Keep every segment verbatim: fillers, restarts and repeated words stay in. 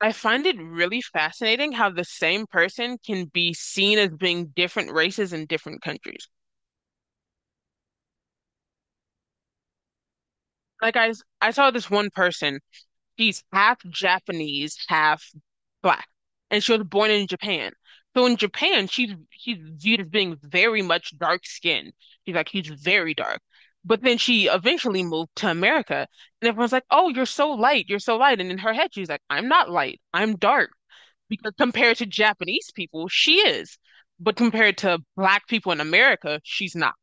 I find it really fascinating how the same person can be seen as being different races in different countries. Like I, s- I saw this one person, she's half Japanese, half black, and she was born in Japan. So in Japan, she's she's viewed as being very much dark skinned. She's like she's very dark. But then she eventually moved to America, and everyone's like, "Oh, you're so light, you're so light." And in her head, she's like, "I'm not light, I'm dark," because compared to Japanese people, she is. But compared to black people in America, she's not.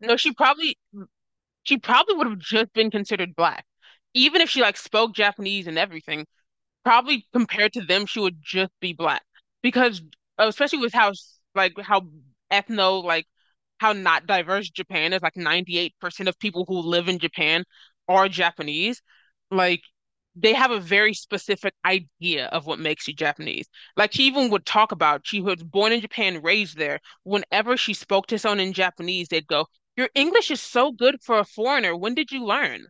No, she probably she probably would have just been considered black, even if she like spoke Japanese and everything. Probably compared to them, she would just be black because especially with how like how ethno like how not diverse Japan is, like ninety-eight percent of people who live in Japan are Japanese. Like they have a very specific idea of what makes you Japanese. Like she even would talk about she was born in Japan, raised there. Whenever she spoke to someone in Japanese, they'd go, "Your English is so good for a foreigner. When did you learn?"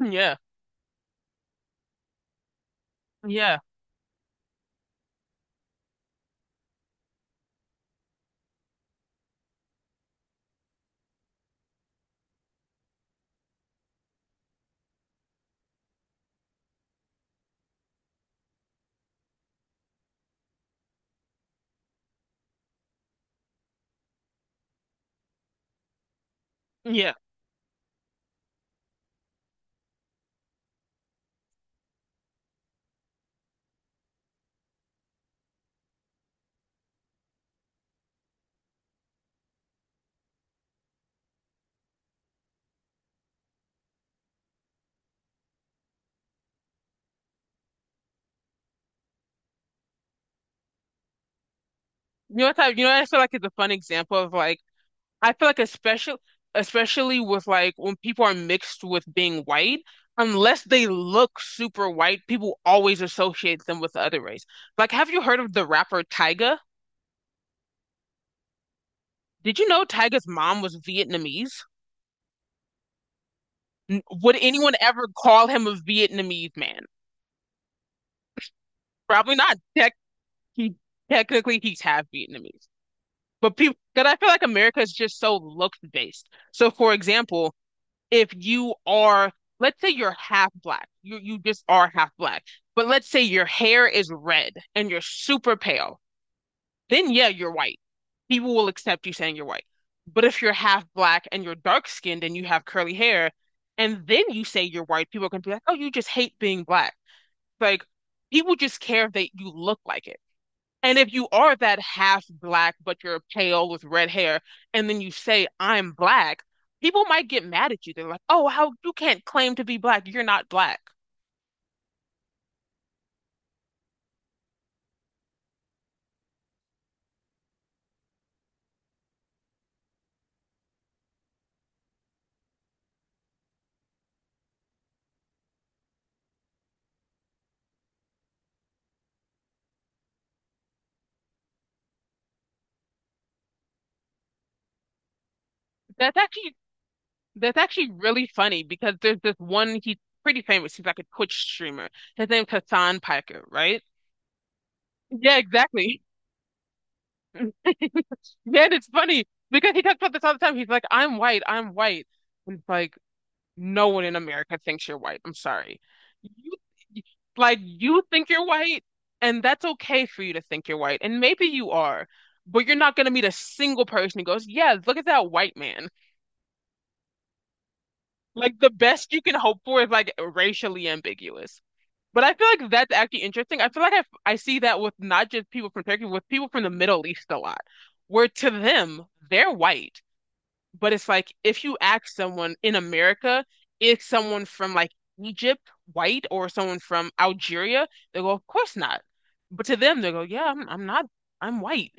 Yeah, yeah, yeah. You know what I? You know what I feel like is a fun example of like I feel like especially especially with like when people are mixed with being white, unless they look super white, people always associate them with the other race. Like, have you heard of the rapper Tyga? Did you know Tyga's mom was Vietnamese? N- Would anyone ever call him a Vietnamese man? Probably not. Tech he Technically he's half Vietnamese. But people, because I feel like America is just so looks based. So, for example, if you are, let's say you're half black, you you just are half black, but let's say your hair is red and you're super pale, then yeah, you're white. People will accept you saying you're white. But if you're half black and you're dark skinned and you have curly hair, and then you say you're white, people are gonna be like, oh, you just hate being black. Like people just care if they you look like it. And if you are that half black, but you're pale with red hair, and then you say, I'm black, people might get mad at you. They're like, oh, how you can't claim to be black. You're not black. That's actually that's actually really funny because there's this one he's pretty famous. He's like a Twitch streamer. His name's Hassan Piker, right? Yeah, exactly. Yeah, and it's funny because he talks about this all the time. He's like, I'm white, I'm white. And it's like, no one in America thinks you're white. I'm sorry. You Like you think you're white, and that's okay for you to think you're white. And maybe you are, but you're not gonna meet a single person who goes, yeah, look at that white man. Like the best you can hope for is like racially ambiguous. But I feel like that's actually interesting. I feel like I I see that with not just people from Turkey, with people from the Middle East a lot, where to them, they're white. But it's like if you ask someone in America, if someone from like Egypt white or someone from Algeria, they go, of course not. But to them, they go, yeah, I'm, I'm not, I'm white.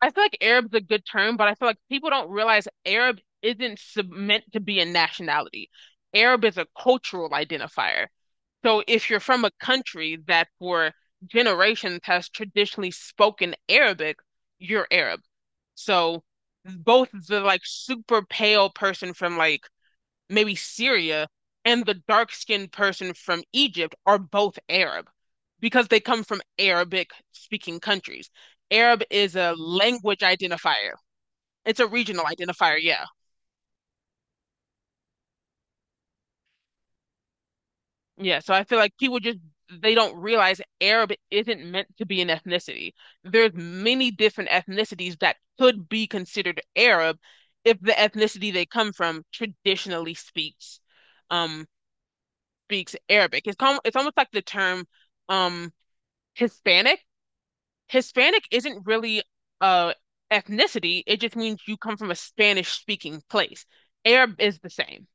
I feel like Arab's a good term, but I feel like people don't realize Arab isn't sub- meant to be a nationality. Arab is a cultural identifier. So if you're from a country that for generations has traditionally spoken Arabic, you're Arab. So both the like super pale person from like maybe Syria, and the dark-skinned person from Egypt are both Arab because they come from Arabic-speaking countries. Arab is a language identifier. It's a regional identifier, yeah. Yeah, so I feel like people just they don't realize Arab isn't meant to be an ethnicity. There's many different ethnicities that could be considered Arab if the ethnicity they come from traditionally speaks um speaks Arabic. It's com it's almost like the term um Hispanic, Hispanic isn't really uh ethnicity. It just means you come from a Spanish speaking place. Arab is the same.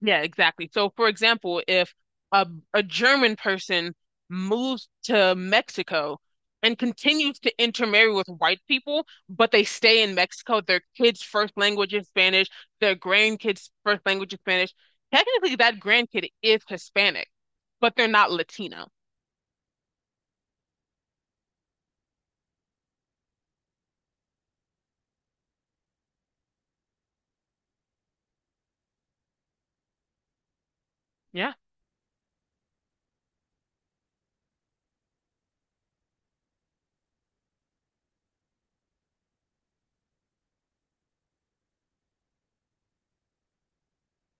Yeah, exactly. So for example, if a a German person moves to Mexico and continues to intermarry with white people, but they stay in Mexico, their kids' first language is Spanish, their grandkids' first language is Spanish. Technically, that grandkid is Hispanic, but they're not Latino. Yeah.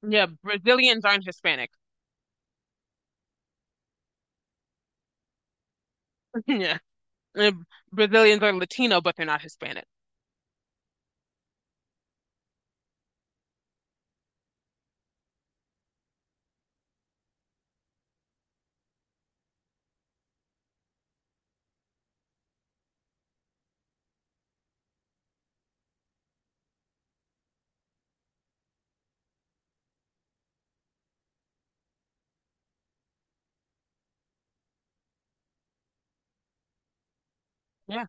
Yeah, Brazilians aren't Hispanic. Yeah. Uh, Brazilians are Latino, but they're not Hispanic. Yeah.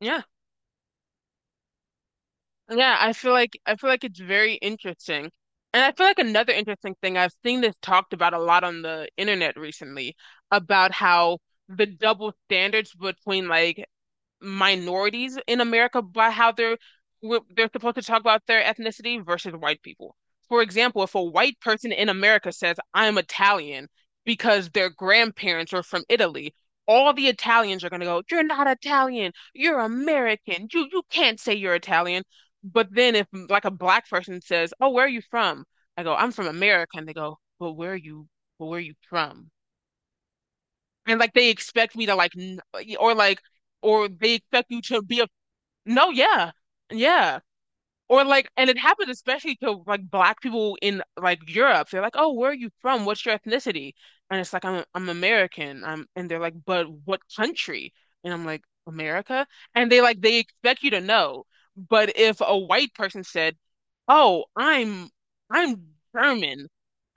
Yeah. Yeah. I feel like I feel like it's very interesting. And I feel like another interesting thing, I've seen this talked about a lot on the internet recently about how the double standards between like minorities in America by how they're they're supposed to talk about their ethnicity versus white people. For example, if a white person in America says, "I'm Italian," because their grandparents are from Italy, all the Italians are going to go, "You're not Italian. You're American. You you can't say you're Italian." But then if like a black person says, "Oh, where are you from?" I go, "I'm from America," and they go, "But where are you? But where are you from?" And like they expect me to like, n- or like, or they expect you to be no, yeah. Yeah. Or like, and it happened especially to like black people in like Europe. They're like, "Oh, where are you from? What's your ethnicity?" And it's like, "I'm I'm American." I'm And they're like, "But what country?" And I'm like, "America." And they like they expect you to know. But if a white person said, "Oh, I'm I'm German,"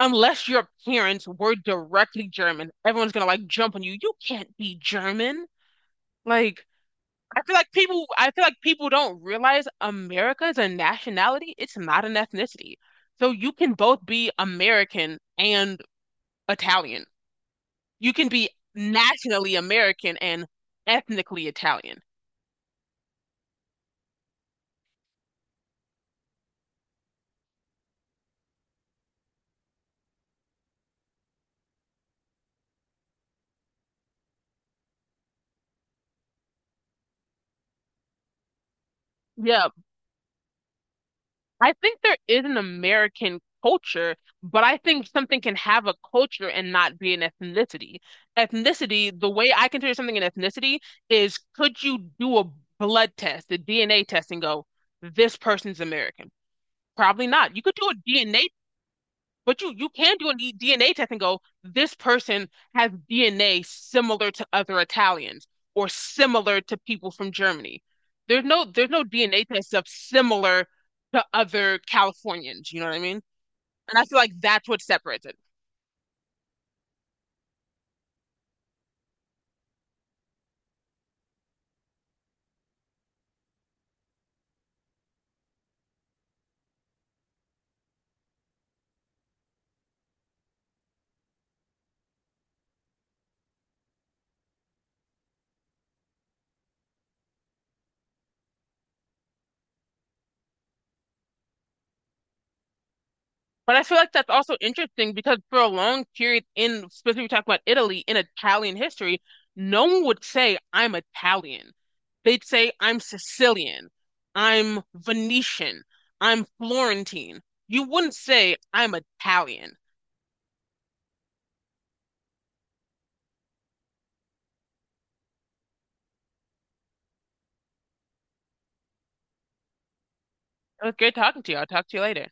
unless your parents were directly German, everyone's gonna like jump on you. You can't be German. Like I feel like people I feel like people don't realize America is a nationality. It's not an ethnicity. So you can both be American and Italian. You can be nationally American and ethnically Italian. Yeah, I think there is an American culture, but I think something can have a culture and not be an ethnicity. Ethnicity, the way I consider something an ethnicity is could you do a blood test, a D N A test, and go, this person's American. Probably not. You could do a D N A, but you you can do a D- DNA test and go, this person has D N A similar to other Italians or similar to people from Germany. There's no there's no D N A test of similar to other Californians, you know what I mean? And I feel like that's what separates it. But I feel like that's also interesting because for a long period in specifically talking about Italy in Italian history, no one would say I'm Italian. They'd say I'm Sicilian, I'm Venetian, I'm Florentine. You wouldn't say I'm Italian. It was great talking to you. I'll talk to you later.